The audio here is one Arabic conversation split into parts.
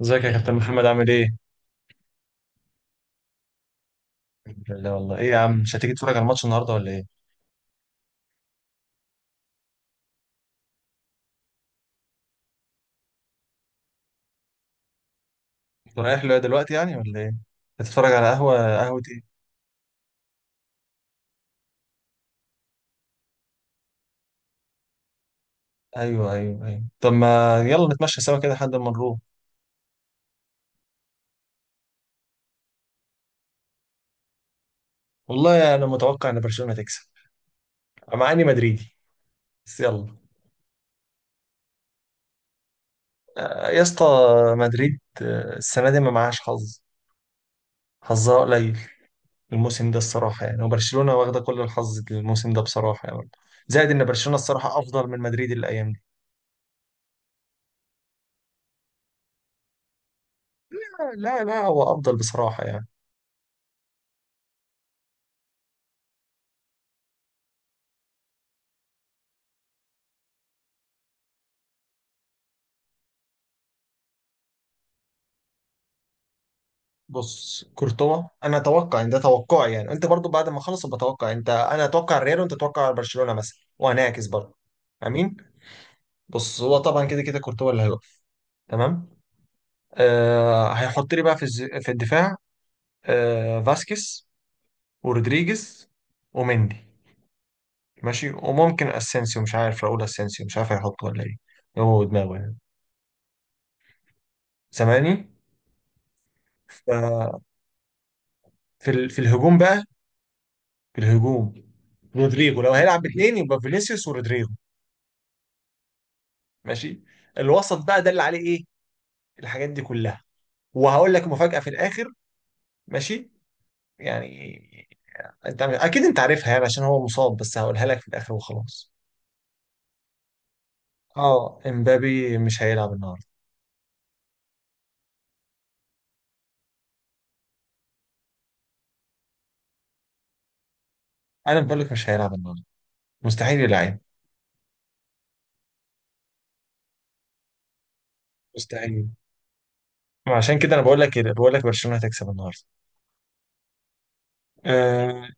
ازيك يا كابتن محمد؟ عامل ايه؟ الحمد لله. والله ايه يا عم، مش هتيجي تتفرج على الماتش النهارده ولا ايه؟ انت رايح له دلوقتي يعني ولا ايه؟ هتتفرج على قهوه ايه؟ ايوه ايوه ايوه، طب ما يلا نتمشى سوا كده لحد ما نروح. والله يعني انا متوقع ان برشلونه تكسب، مع اني مدريدي بس يلا. يا اسطى، مدريد السنه دي ما معهاش حظ، حظها قليل الموسم ده الصراحه يعني، وبرشلونه واخده كل الحظ الموسم ده بصراحه يعني. زائد ان برشلونه الصراحه افضل من مدريد الايام دي. لا. لا لا، هو افضل بصراحه يعني. بص، كورتوا، انا اتوقع ان ده توقعي يعني، انت برضو بعد ما اخلص بتوقع انت، انا اتوقع الريال وانت تتوقع برشلونه مثلا، وهنعكس برضو. امين. بص، هو طبعا كده كده كورتوا اللي هيقف. تمام. آه، هيحط لي بقى في في الدفاع. فاسكيز ورودريجيز ومندي، ماشي، وممكن اسينسيو، مش عارف، راؤول اسينسيو مش عارف هيحطه ولا ايه، هو دماغه يعني. سامعني؟ ف- في في الهجوم بقى، في الهجوم رودريجو لو هيلعب باثنين يبقى فينيسيوس ورودريجو. ماشي. الوسط بقى ده اللي عليه ايه الحاجات دي كلها، وهقول لك مفاجأة في الاخر. ماشي يعني، انت اكيد انت عارفها يعني عشان هو مصاب، بس هقولها لك في الاخر وخلاص. اه، امبابي مش هيلعب النهارده. انا بقول لك مش هيلعب النهارده، مستحيل يلعب. مستحيل. عشان كده انا بقول لك برشلونة هتكسب النهارده. أه.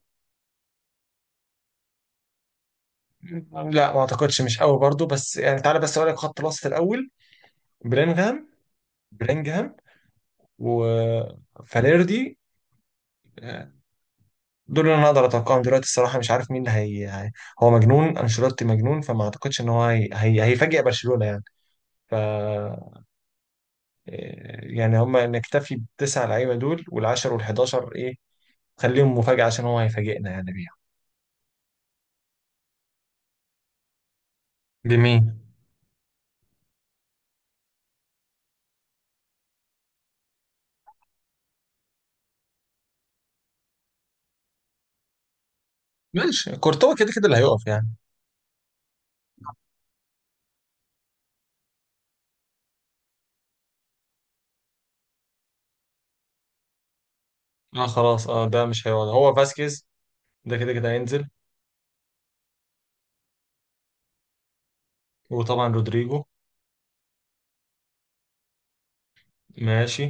لا، ما اعتقدش، مش قوي برضو، بس يعني تعالى بس اقول لك خط الوسط الاول. بلينغهام. بلينغهام وفاليردي، دول اللي انا اقدر اتوقعهم دلوقتي الصراحه، مش عارف مين هي. هو مجنون، انشيلوتي مجنون، فما اعتقدش ان هو هيفاجئ برشلونه يعني. ف آه، يعني هم نكتفي بالتسع لعيبه دول، وال10 وال11 ايه خليهم مفاجاه عشان هو هيفاجئنا يعني بيها. بمين؟ ماشي، كورتوا كده كده اللي هيقف يعني. اه خلاص، اه، ده مش هيقعد، هو فاسكيز ده كده كده هينزل، وطبعا رودريجو. ماشي.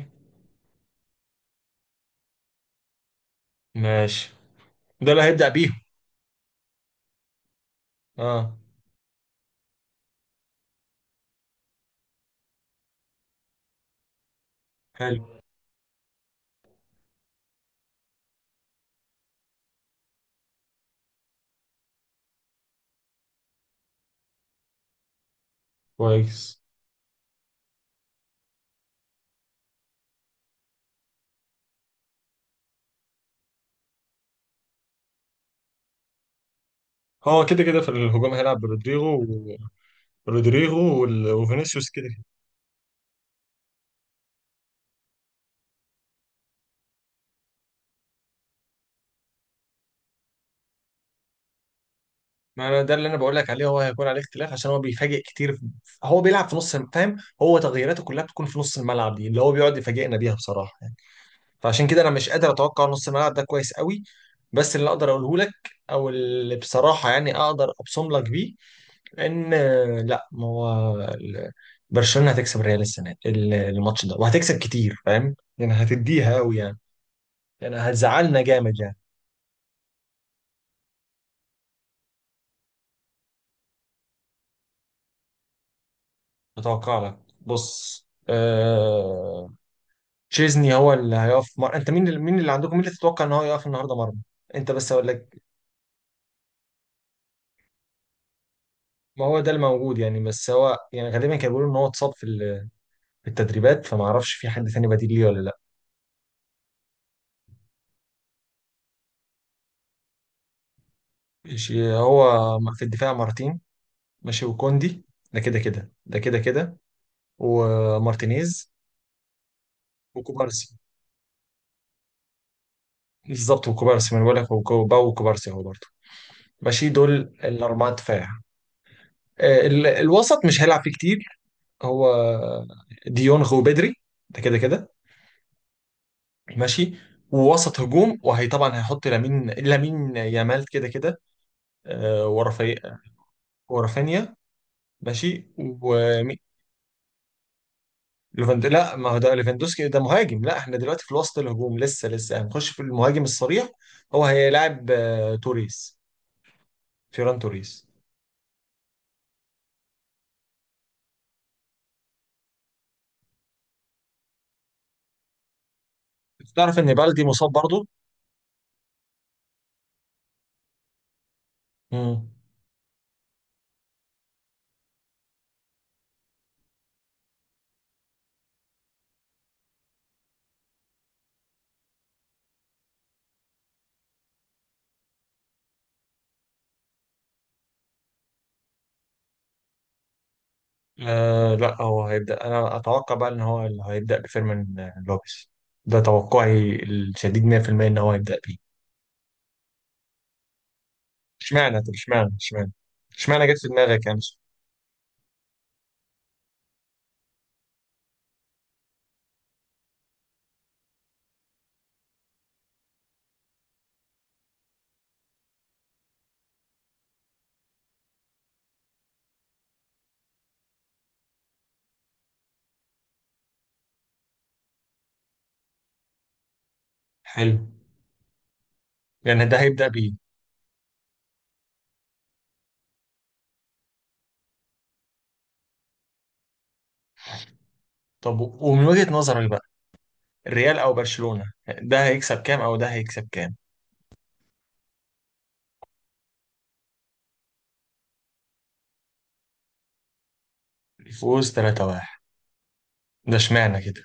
ماشي، ده اللي هيبدأ بيهم. اه. حلو. كويس. هو كده كده في الهجوم هيلعب برودريجو، وفينيسيوس كده كده. ما أنا ده اللي انا بقول لك عليه، هو هيكون عليه اختلاف عشان هو بيفاجئ كتير هو بيلعب في نص فاهم؟ هو تغييراته كلها بتكون في نص الملعب، دي اللي هو بيقعد يفاجئنا بيها بصراحه يعني. فعشان كده انا مش قادر اتوقع نص الملعب ده كويس قوي. بس اللي اقدر اقوله لك، او اللي بصراحه يعني اقدر ابصم لك بيه، ان آه، لا ما هو ال- برشلونه هتكسب الريال السنه دي، الماتش ده، وهتكسب كتير فاهم يعني، هتديها قوي يعني، يعني هتزعلنا جامد يعني. اتوقع لك بص تشيزني هو اللي هيقف مر... انت مين مين اللي عندكم، مين اللي تتوقع ان هو يقف النهارده مرمى، انت بس اقول لك. ما هو ده الموجود يعني، بس هو يعني غالبا كانوا بيقولوا ان هو اتصاب في في التدريبات، فما اعرفش في حد تاني بديل ليه ولا لا. ماشي هو. في الدفاع مارتين، ماشي، وكوندي، ده كده كده، ده كده كده، ومارتينيز، وكوبارسي. بالظبط، وكوبارسي، ما انا بقول لك، وكو- باو وكوبارسي هو برضه. ماشي، دول الاربعه دفاع. الوسط مش هيلعب فيه كتير هو. ديونغ وبدري، ده كده كده. ماشي. ووسط هجوم، وهي طبعا هيحط لامين، لامين يامال كده كده. ورافي ورافينيا ماشي. وليفاند... لا، ما هو ده ليفاندوسكي ده مهاجم، لا احنا دلوقتي في وسط الهجوم، لسه هنخش في المهاجم الصريح. هو هيلاعب توريس، فيران توريس. تعرف ان بالدي مصاب؟ برضه. لا، هو هيبدأ، أنا أتوقع بقى إن هو اللي هيبدأ بفيرمين لوبيز، ده توقعي الشديد 100% إن هو هيبدأ بيه. اشمعنى طب اشمعنى، اشمعنى جت في دماغك يعني؟ حلو. يعني ده هيبدأ بيه. طب ومن وجهة نظرك بقى، الريال أو برشلونة، ده هيكسب كام أو ده هيكسب كام؟ فوز 3-1؟ ده اشمعنى كده؟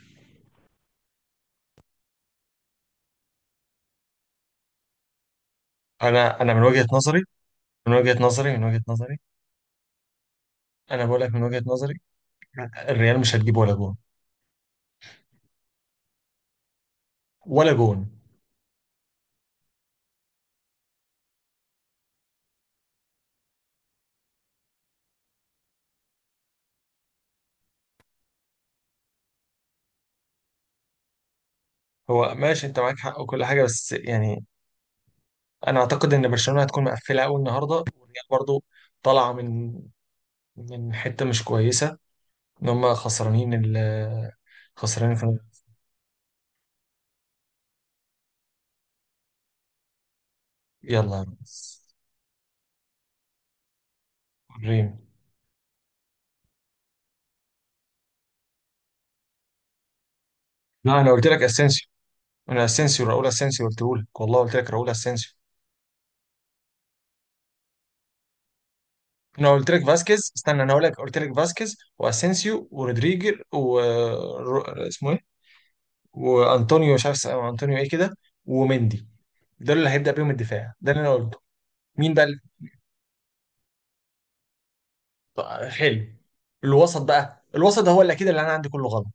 أنا أنا من وجهة نظري من وجهة نظري من وجهة نظري أنا بقول لك، من وجهة نظري الريال مش هتجيب ولا جون. ولا جون. هو ماشي، انت معاك حق وكل حاجه، بس يعني انا اعتقد ان برشلونه هتكون مقفله قوي النهارده، والريال برضو طالعه من، من حته مش كويسه، ان هم خسرانين ال خسرانين في... يلا يا ريس. ريم. لا، انا قلت لك اسينسيو، انا اسينسيو، راؤول اسينسيو قلت لك، والله قلت لك راؤول اسينسيو. انا قلت لك فاسكيز استنى انا هقول لك قلت لك فاسكيز واسينسيو ورودريجر رو- اسمه ايه، وانطونيو، مش عارف اسمه، انطونيو ايه كده، ومندي، ده اللي هيبدأ بيهم الدفاع، ده اللي انا قلته. مين بقى؟ طيب، حلو. الوسط بقى، الوسط ده هو اللي اكيد اللي انا عندي كله غلط.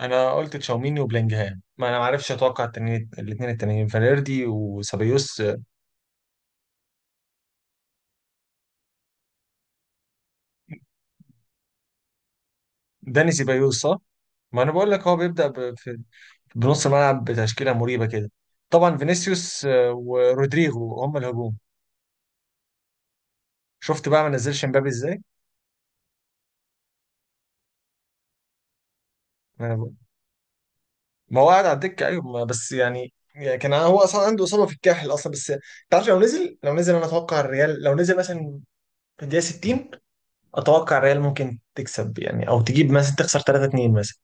انا قلت تشاوميني وبلينجهام، ما انا ما عرفش اتوقع التنين الاثنين التانيين، فاليردي وسبايوس. داني سيبايوس صح. ما انا بقول لك هو بيبدا بنص الملعب، بتشكيله مريبه كده. طبعا فينيسيوس ورودريجو هم الهجوم. شفت بقى ما نزلش مبابي ازاي؟ ما, أنا بقول. ما هو قاعد على الدكه ايوه، ما بس يعني يعني كان هو اصلا عنده اصابه في الكاحل اصلا بس. تعرف لو نزل، انا اتوقع الريال لو نزل مثلا في الدقيقه 60، اتوقع الريال ممكن تكسب يعني، او تجيب مثلا، تخسر 3-2 مثلا،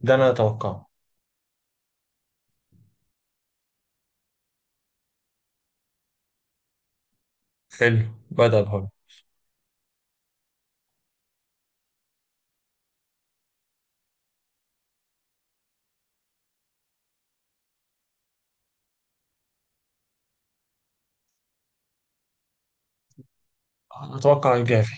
ده انا اتوقعه. حلو. بدأ بهاي. اتوقع الجافي.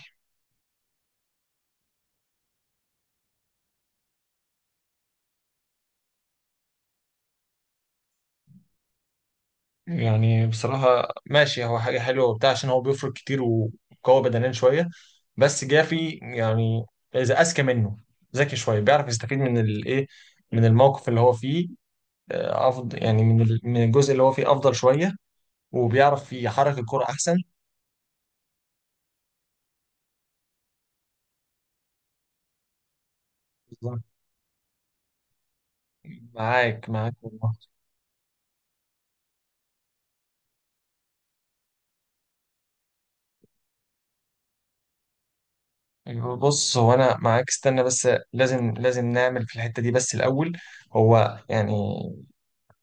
يعني بصراحه ماشي، هو حاجه حلوه وبتاع، عشان هو بيفرق كتير وقوي بدنيا شويه. بس جافي يعني اذا اذكى منه، ذكي شويه، بيعرف يستفيد من الايه، من الموقف اللي هو فيه، افضل يعني من الجزء اللي هو فيه افضل شويه، وبيعرف يحرك الكرة احسن. بالظبط. معاك، معاك والله. أيوة، بص، هو انا معاك استنى بس، لازم نعمل في الحته دي بس الاول. هو يعني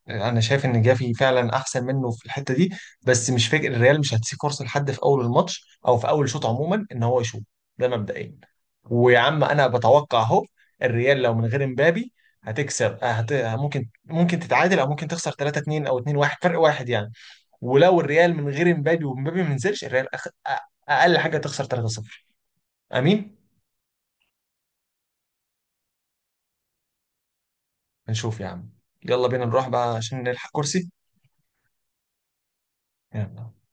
انا شايف ان جافي فعلا احسن منه في الحته دي، بس مش فاكر الريال مش هتسيب فرصه لحد في اول الماتش او في اول شوط عموما ان هو يشوط، ده مبدئيا. ويا عم انا بتوقع اهو، الريال لو من غير امبابي هتكسب، آه، هت... ممكن ممكن تتعادل او ممكن تخسر 3-2 او 2-1 فرق واحد يعني. ولو الريال من غير امبابي، وامبابي ما نزلش، الريال اقل حاجه تخسر 3-0. امين. نشوف يا عم، يلا بينا نروح بقى عشان نلحق كرسي. يلا.